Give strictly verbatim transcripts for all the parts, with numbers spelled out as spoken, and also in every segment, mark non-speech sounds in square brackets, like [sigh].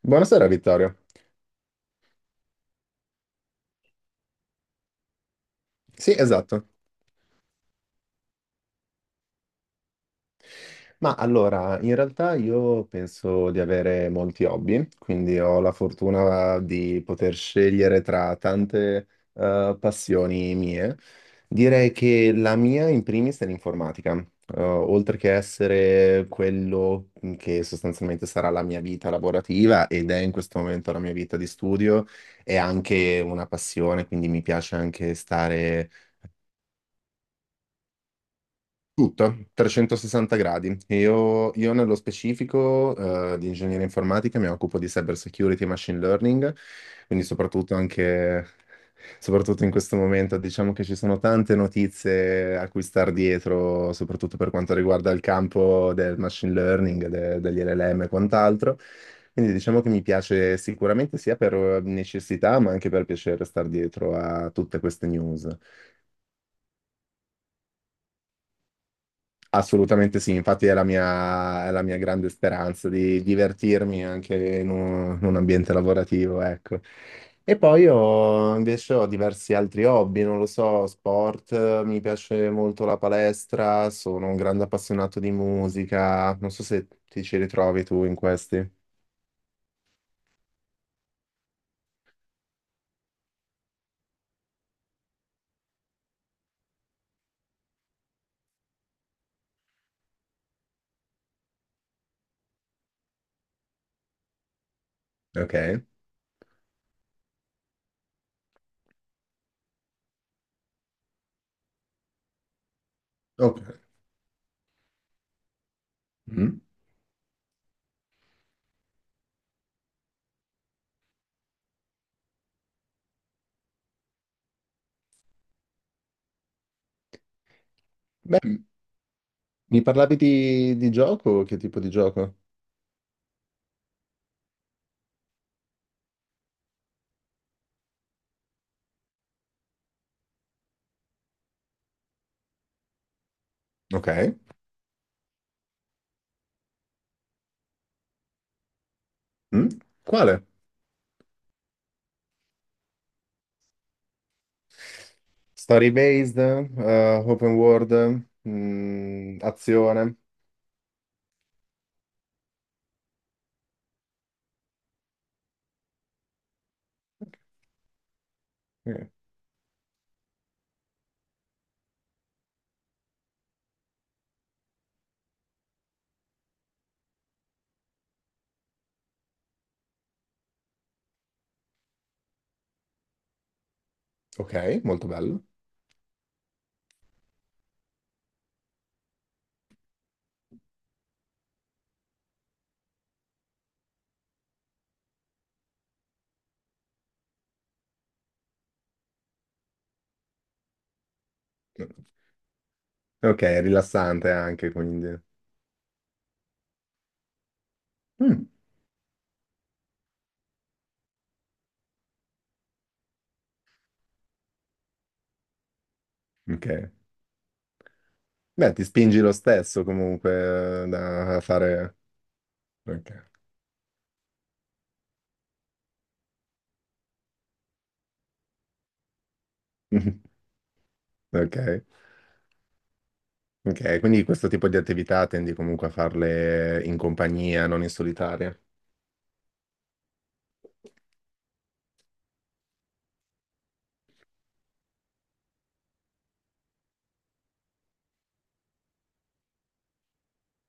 Buonasera Vittorio. Sì, esatto. Ma allora, in realtà io penso di avere molti hobby, quindi ho la fortuna di poter scegliere tra tante eh, passioni mie. Direi che la mia in primis è l'informatica. Eh, oltre che essere quello che sostanzialmente sarà la mia vita lavorativa ed è in questo momento la mia vita di studio, è anche una passione, quindi mi piace anche stare. Tutto, trecentosessanta gradi. Io, io nello specifico eh, di ingegneria informatica mi occupo di cyber security e machine learning, quindi soprattutto anche, soprattutto in questo momento diciamo che ci sono tante notizie a cui star dietro, soprattutto per quanto riguarda il campo del machine learning, de- degli elle elle emme e quant'altro. Quindi diciamo che mi piace sicuramente sia per necessità, ma anche per piacere star dietro a tutte queste news. Assolutamente sì, infatti è la mia, è la mia grande speranza di divertirmi anche in un, in un ambiente lavorativo, ecco. E poi io invece ho diversi altri hobby, non lo so, sport, eh, mi piace molto la palestra, sono un grande appassionato di musica, non so se ti ci ritrovi tu in questi. Ok, ok. Mm. Beh, mi parlavi di, di gioco? Che tipo di gioco? Ok. Mm. Quale? Story based, eh, open world, mm, azione. Eh, Ok, molto bello. Ok, è rilassante anche, quindi. Mm, ok. Beh, ti spingi lo stesso comunque eh, da a fare. Ok. [laughs] Ok. Ok, quindi questo tipo di attività tendi comunque a farle in compagnia, non in solitaria.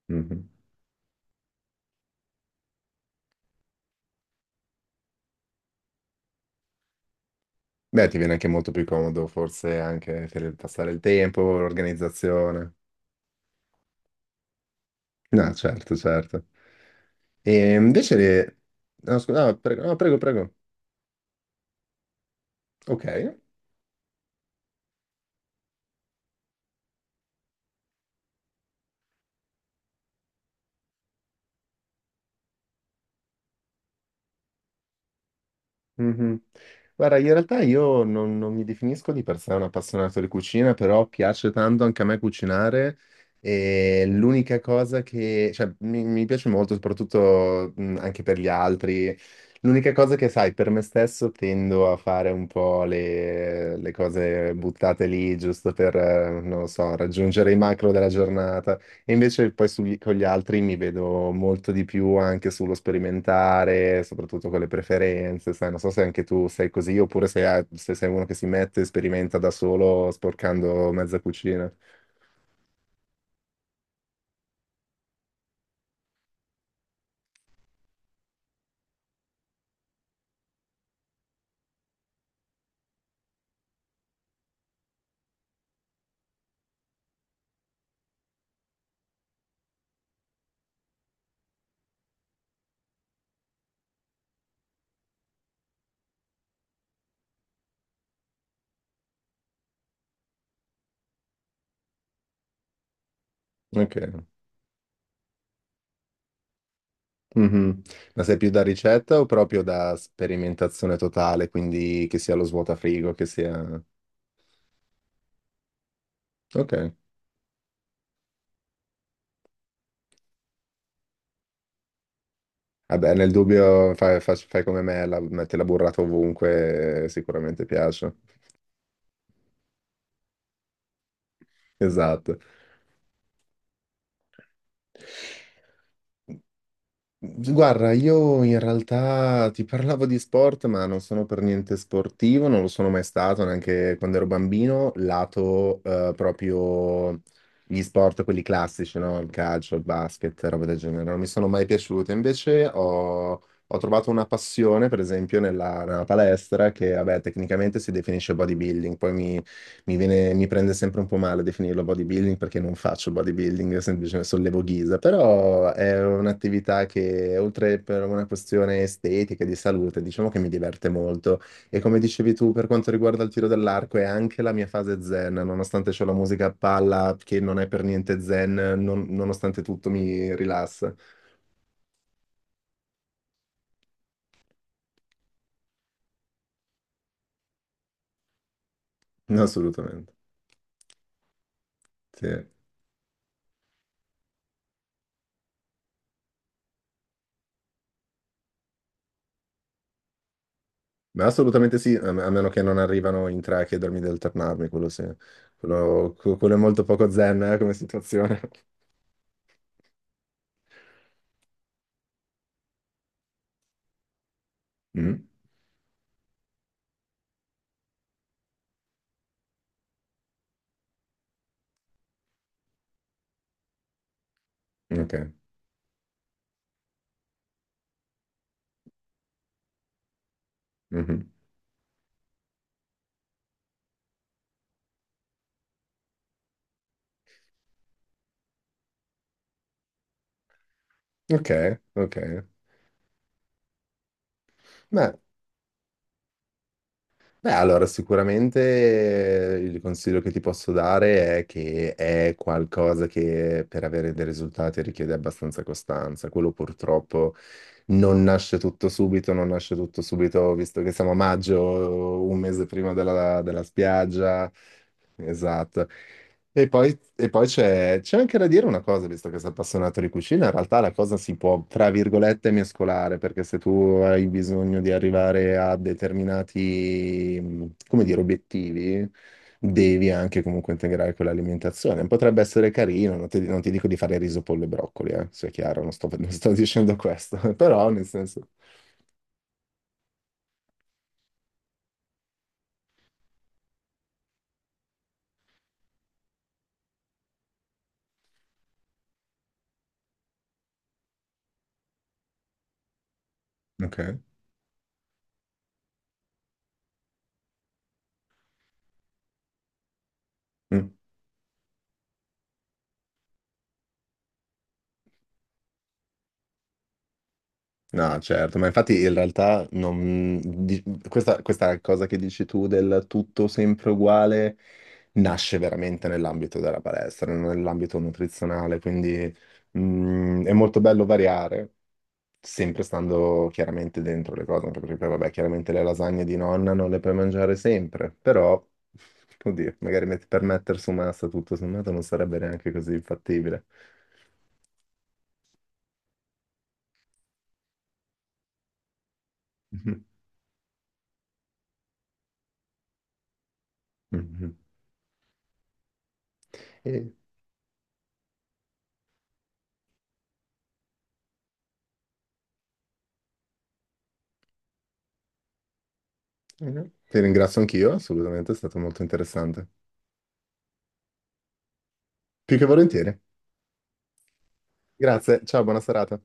Mhm. Beh, ti viene anche molto più comodo, forse anche per passare il tempo, l'organizzazione. No, certo, certo. E invece, le- no, scu- no, prego, no, prego, prego. Ok. Mhm. Guarda, in realtà io non, non mi definisco di per sé un appassionato di cucina, però piace tanto anche a me cucinare e l'unica cosa che, cioè, mi, mi piace molto, soprattutto mh, anche per gli altri. L'unica cosa che, sai, per me stesso tendo a fare un po' le, le cose buttate lì, giusto per, eh, non lo so, raggiungere i macro della giornata. E invece poi sugli- con gli altri mi vedo molto di più anche sullo sperimentare, soprattutto con le preferenze, sai, non so se anche tu sei così oppure se, hai- se sei uno che si mette e sperimenta da solo sporcando mezza cucina. Ok. Mhm. Ma sei più da ricetta o proprio da sperimentazione totale, quindi che sia lo svuotafrigo, che sia... Ok. Vabbè, nel dubbio fai, fa- fai come me, la, metti la burrata ovunque, eh, sicuramente piace. Esatto. Guarda, io in realtà ti parlavo di sport, ma non sono per niente sportivo, non lo sono mai stato neanche quando ero bambino, lato eh, proprio gli sport, quelli classici, no? Il calcio, il basket, roba del genere, non mi sono mai piaciute. Invece ho, ho trovato una passione, per esempio, nella, nella palestra, che vabbè, tecnicamente si definisce bodybuilding, poi mi viene- mi prende sempre un po' male definirlo bodybuilding perché non faccio bodybuilding, semplicemente sollevo ghisa, però è un'attività che oltre per una questione estetica e di salute, diciamo che mi diverte molto. E come dicevi tu, per quanto riguarda il tiro dell'arco, è anche la mia fase zen, nonostante c'ho la musica a palla che non è per niente zen, non- nonostante tutto mi rilassa. No, assolutamente. Sì. Ma assolutamente sì, a a meno che non arrivano in tre a chiedermi di alternarmi, quello sì. Quello, que- quello è molto poco zen, eh, come situazione. [laughs] Mm, ok. Mhm. Ok, ok. Beh, beh, allora sicuramente eh, il consiglio che ti posso dare è che è qualcosa che per avere dei risultati richiede abbastanza costanza. Quello purtroppo non nasce tutto subito, non nasce tutto subito, visto che siamo a maggio, un mese prima della, della spiaggia. Esatto. E poi, e poi c'è c'è anche da dire una cosa, visto che sei appassionato di cucina, in realtà la cosa si può, tra virgolette, mescolare, perché se tu hai bisogno di arrivare a determinati, mh, come dire, obiettivi, devi anche comunque integrare quell'alimentazione. Potrebbe essere carino, non ti, non ti dico di fare riso, pollo e broccoli, eh, sia chiaro, non sto, [laughs] non sto dicendo questo, [laughs] però nel senso... Ok. Mm. No, certo, ma infatti in realtà non- di- questa, questa cosa che dici tu del tutto sempre uguale nasce veramente nell'ambito della palestra, non nell'ambito nutrizionale, quindi mm, è molto bello variare, sempre stando chiaramente dentro le cose, anche perché poi, vabbè, chiaramente le lasagne di nonna non le puoi mangiare sempre, però, [laughs] oddio, magari met- per mettere su massa tutto sommato non sarebbe neanche così infattibile. [laughs] Mhm. E- Mhm. Ti ringrazio anch'io, assolutamente, è stato molto interessante. Più che volentieri. Grazie, ciao, buona serata.